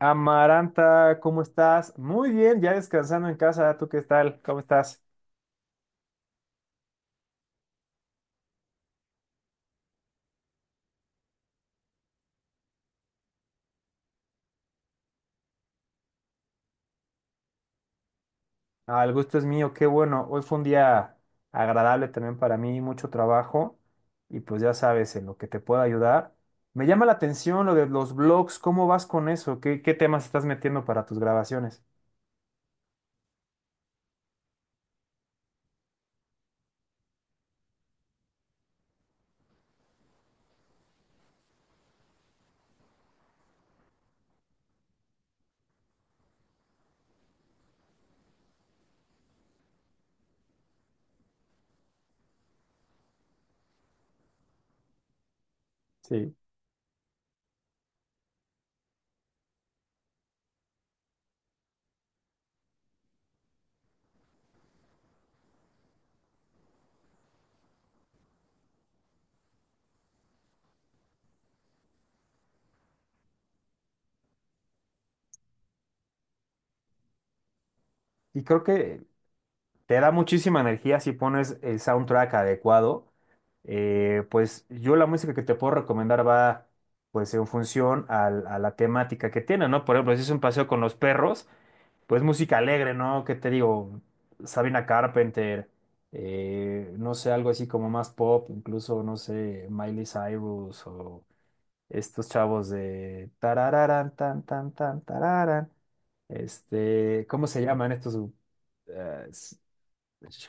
Amaranta, ¿cómo estás? Muy bien, ya descansando en casa. ¿Tú qué tal? ¿Cómo estás? Ah, el gusto es mío, qué bueno. Hoy fue un día agradable también para mí, mucho trabajo y pues ya sabes, en lo que te pueda ayudar. Me llama la atención lo de los blogs, ¿cómo vas con eso? ¿¿Qué temas estás metiendo para tus grabaciones? Sí. Y creo que te da muchísima energía si pones el soundtrack adecuado. Pues yo la música que te puedo recomendar va pues en función a la temática que tiene, ¿no? Por ejemplo, si es un paseo con los perros, pues música alegre, ¿no? ¿Qué te digo? Sabina Carpenter, no sé, algo así como más pop, incluso, no sé, Miley Cyrus o estos chavos de tarararán, tan, tan, tan, tararán. Este, ¿cómo se llaman estos?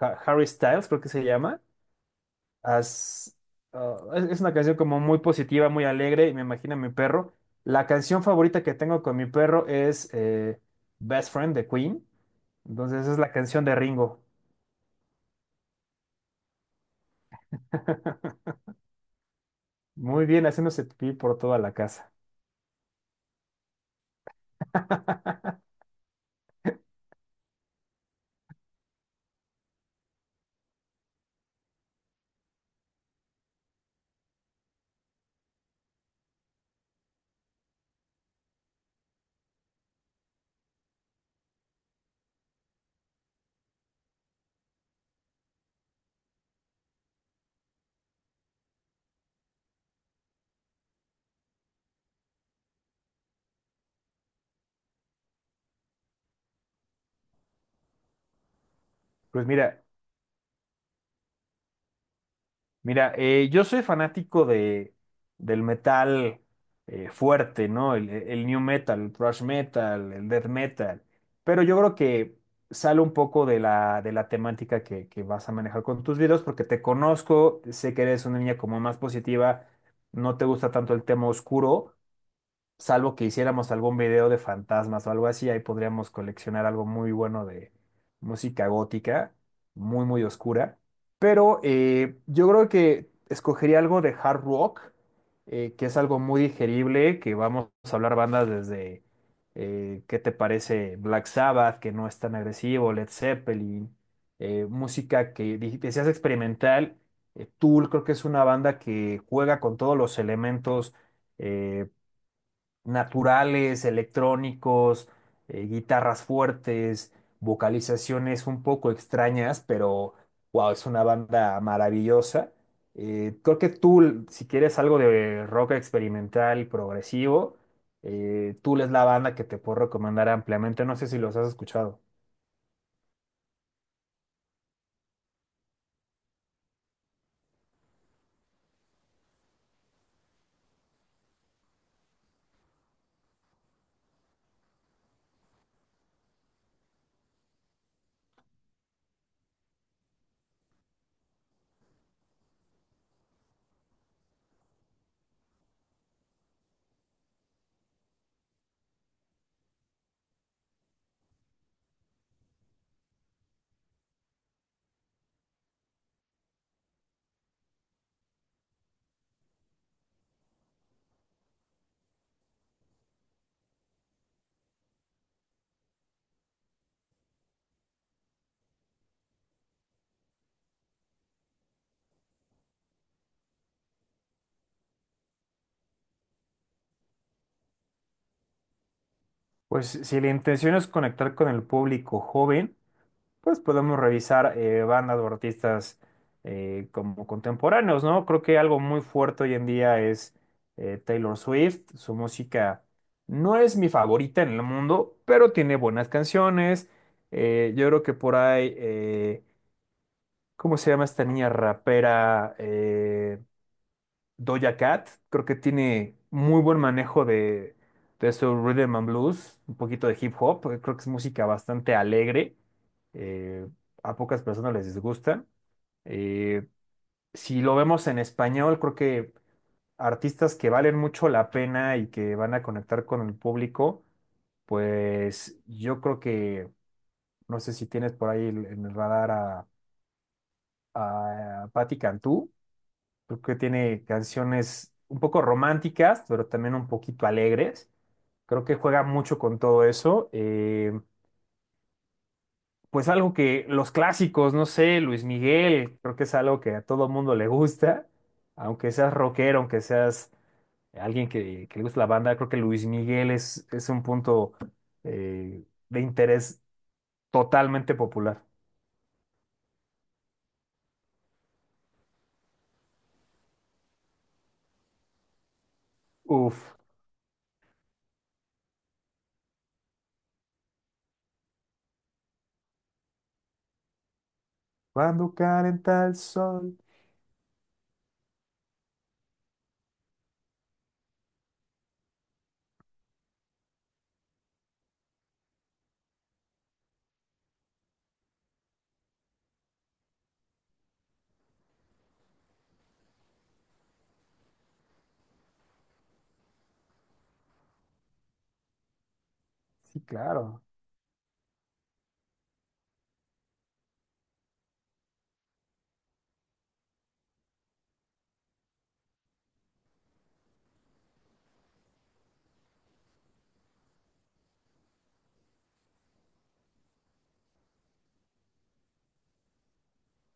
Harry Styles, creo que se llama. As- es una canción como muy positiva, muy alegre, y me imagino a mi perro. La canción favorita que tengo con mi perro es Best Friend de Queen. Entonces es la canción de Ringo. Muy bien, haciéndose pipí por toda la casa. Pues mira, Mira, yo soy fanático del metal fuerte, ¿no? El new metal, el thrash metal, el death metal. Pero yo creo que sale un poco de de la temática que vas a manejar con tus videos, porque te conozco, sé que eres una niña como más positiva, no te gusta tanto el tema oscuro, salvo que hiciéramos algún video de fantasmas o algo así, ahí podríamos coleccionar algo muy bueno de música gótica, muy, muy oscura. Pero yo creo que escogería algo de hard rock, que es algo muy digerible, que vamos a hablar bandas desde, ¿qué te parece? Black Sabbath, que no es tan agresivo, Led Zeppelin, música que decías experimental. Tool creo que es una banda que juega con todos los elementos eh, naturales, electrónicos, guitarras fuertes, vocalizaciones un poco extrañas, pero wow, es una banda maravillosa. Creo que Tool, si quieres algo de rock experimental y progresivo, Tool es la banda que te puedo recomendar ampliamente. No sé si los has escuchado. Pues si la intención es conectar con el público joven, pues podemos revisar bandas o artistas como contemporáneos, ¿no? Creo que algo muy fuerte hoy en día es Taylor Swift. Su música no es mi favorita en el mundo, pero tiene buenas canciones. Yo creo que por ahí, ¿cómo se llama esta niña rapera? Doja Cat, creo que tiene muy buen manejo de su rhythm and blues, un poquito de hip hop, creo que es música bastante alegre, eh, a pocas personas les disgusta. Eh, si lo vemos en español, creo que artistas que valen mucho la pena y que van a conectar con el público, pues yo creo que, no sé si tienes por ahí en el radar a Paty Cantú. Creo que tiene canciones un poco románticas, pero también un poquito alegres. Creo que juega mucho con todo eso. Pues algo que los clásicos, no sé, Luis Miguel, creo que es algo que a todo mundo le gusta. Aunque seas rockero, aunque seas alguien que le gusta la banda, creo que Luis Miguel es un punto eh, de interés totalmente popular. Uf. Cuando calenta el sol. Sí, claro.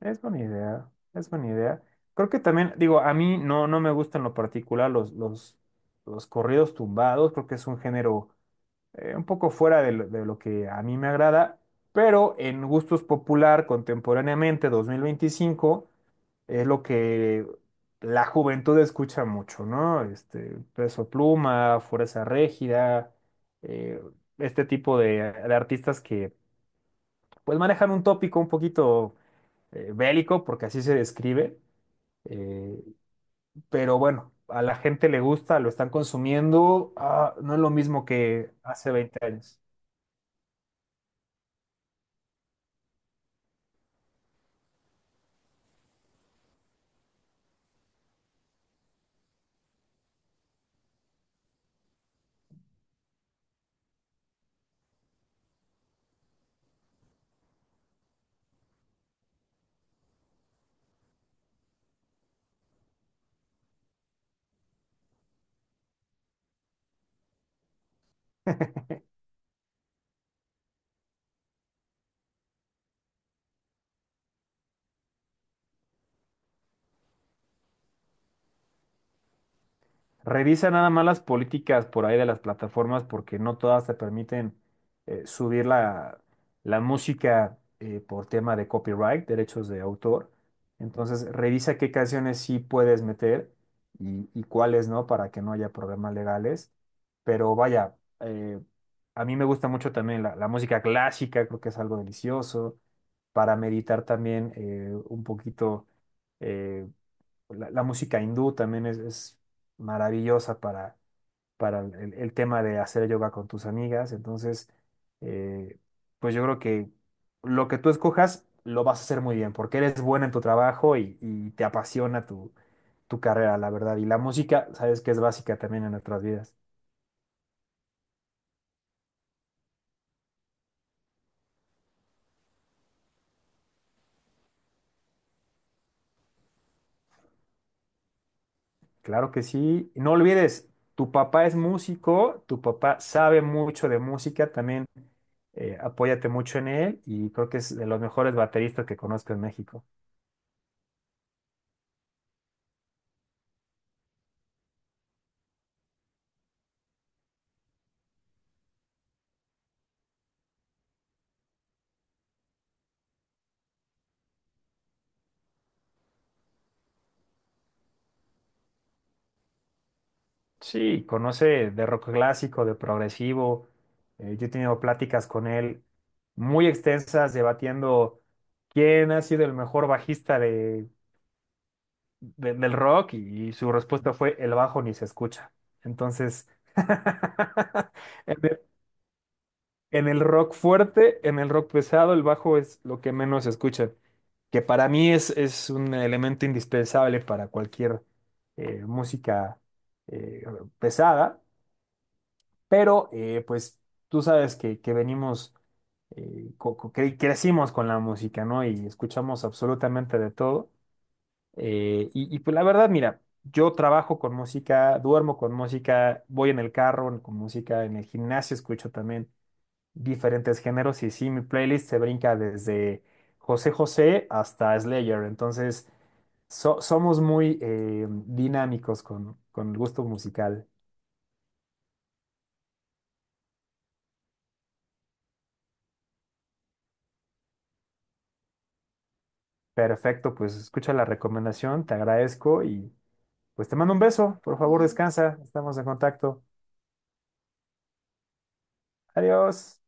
Es buena idea, es buena idea. Creo que también, digo, a mí no, no me gustan en lo particular los corridos tumbados, creo que es un género un poco fuera de de lo que a mí me agrada, pero en gustos popular contemporáneamente 2025 es lo que la juventud escucha mucho, ¿no? Este, Peso Pluma, Fuerza Régida, eh, este tipo de artistas que pues manejan un tópico un poquito bélico, porque así se describe, eh, pero bueno, a la gente le gusta, lo están consumiendo, ah, no es lo mismo que hace 20 años. Revisa nada más las políticas por ahí de las plataformas porque no todas te permiten subir la música por tema de copyright, derechos de autor. Entonces, revisa qué canciones sí puedes meter y cuáles no para que no haya problemas legales. Pero vaya, a mí me gusta mucho también la música clásica, creo que es algo delicioso para meditar también un poquito. eh, la, la música hindú también es maravillosa para el tema de hacer yoga con tus amigas. Entonces, eh, pues yo creo que lo que tú escojas lo vas a hacer muy bien, porque eres buena en tu trabajo y te apasiona tu, tu carrera, la verdad. Y la música, sabes que es básica también en nuestras vidas. Claro que sí. Y no olvides, tu papá es músico, tu papá sabe mucho de música también. Apóyate mucho en él y creo que es de los mejores bateristas que conozco en México. Sí, conoce de rock clásico, de progresivo. Yo he tenido pláticas con él muy extensas debatiendo quién ha sido el mejor bajista del rock y su respuesta fue el bajo ni se escucha. Entonces, en en el rock fuerte, en el rock pesado, el bajo es lo que menos se escucha, que para mí es un elemento indispensable para cualquier música eh, pesada, pero pues tú sabes que venimos, crecimos con la música, ¿no? Y escuchamos absolutamente de todo. Pues la verdad, mira, yo trabajo con música, duermo con música, voy en el carro con música, en el gimnasio escucho también diferentes géneros y sí, mi playlist se brinca desde José José hasta Slayer, entonces somos muy dinámicos con el gusto musical. Perfecto, pues escucha la recomendación, te agradezco y pues te mando un beso, por favor descansa, estamos en contacto. Adiós.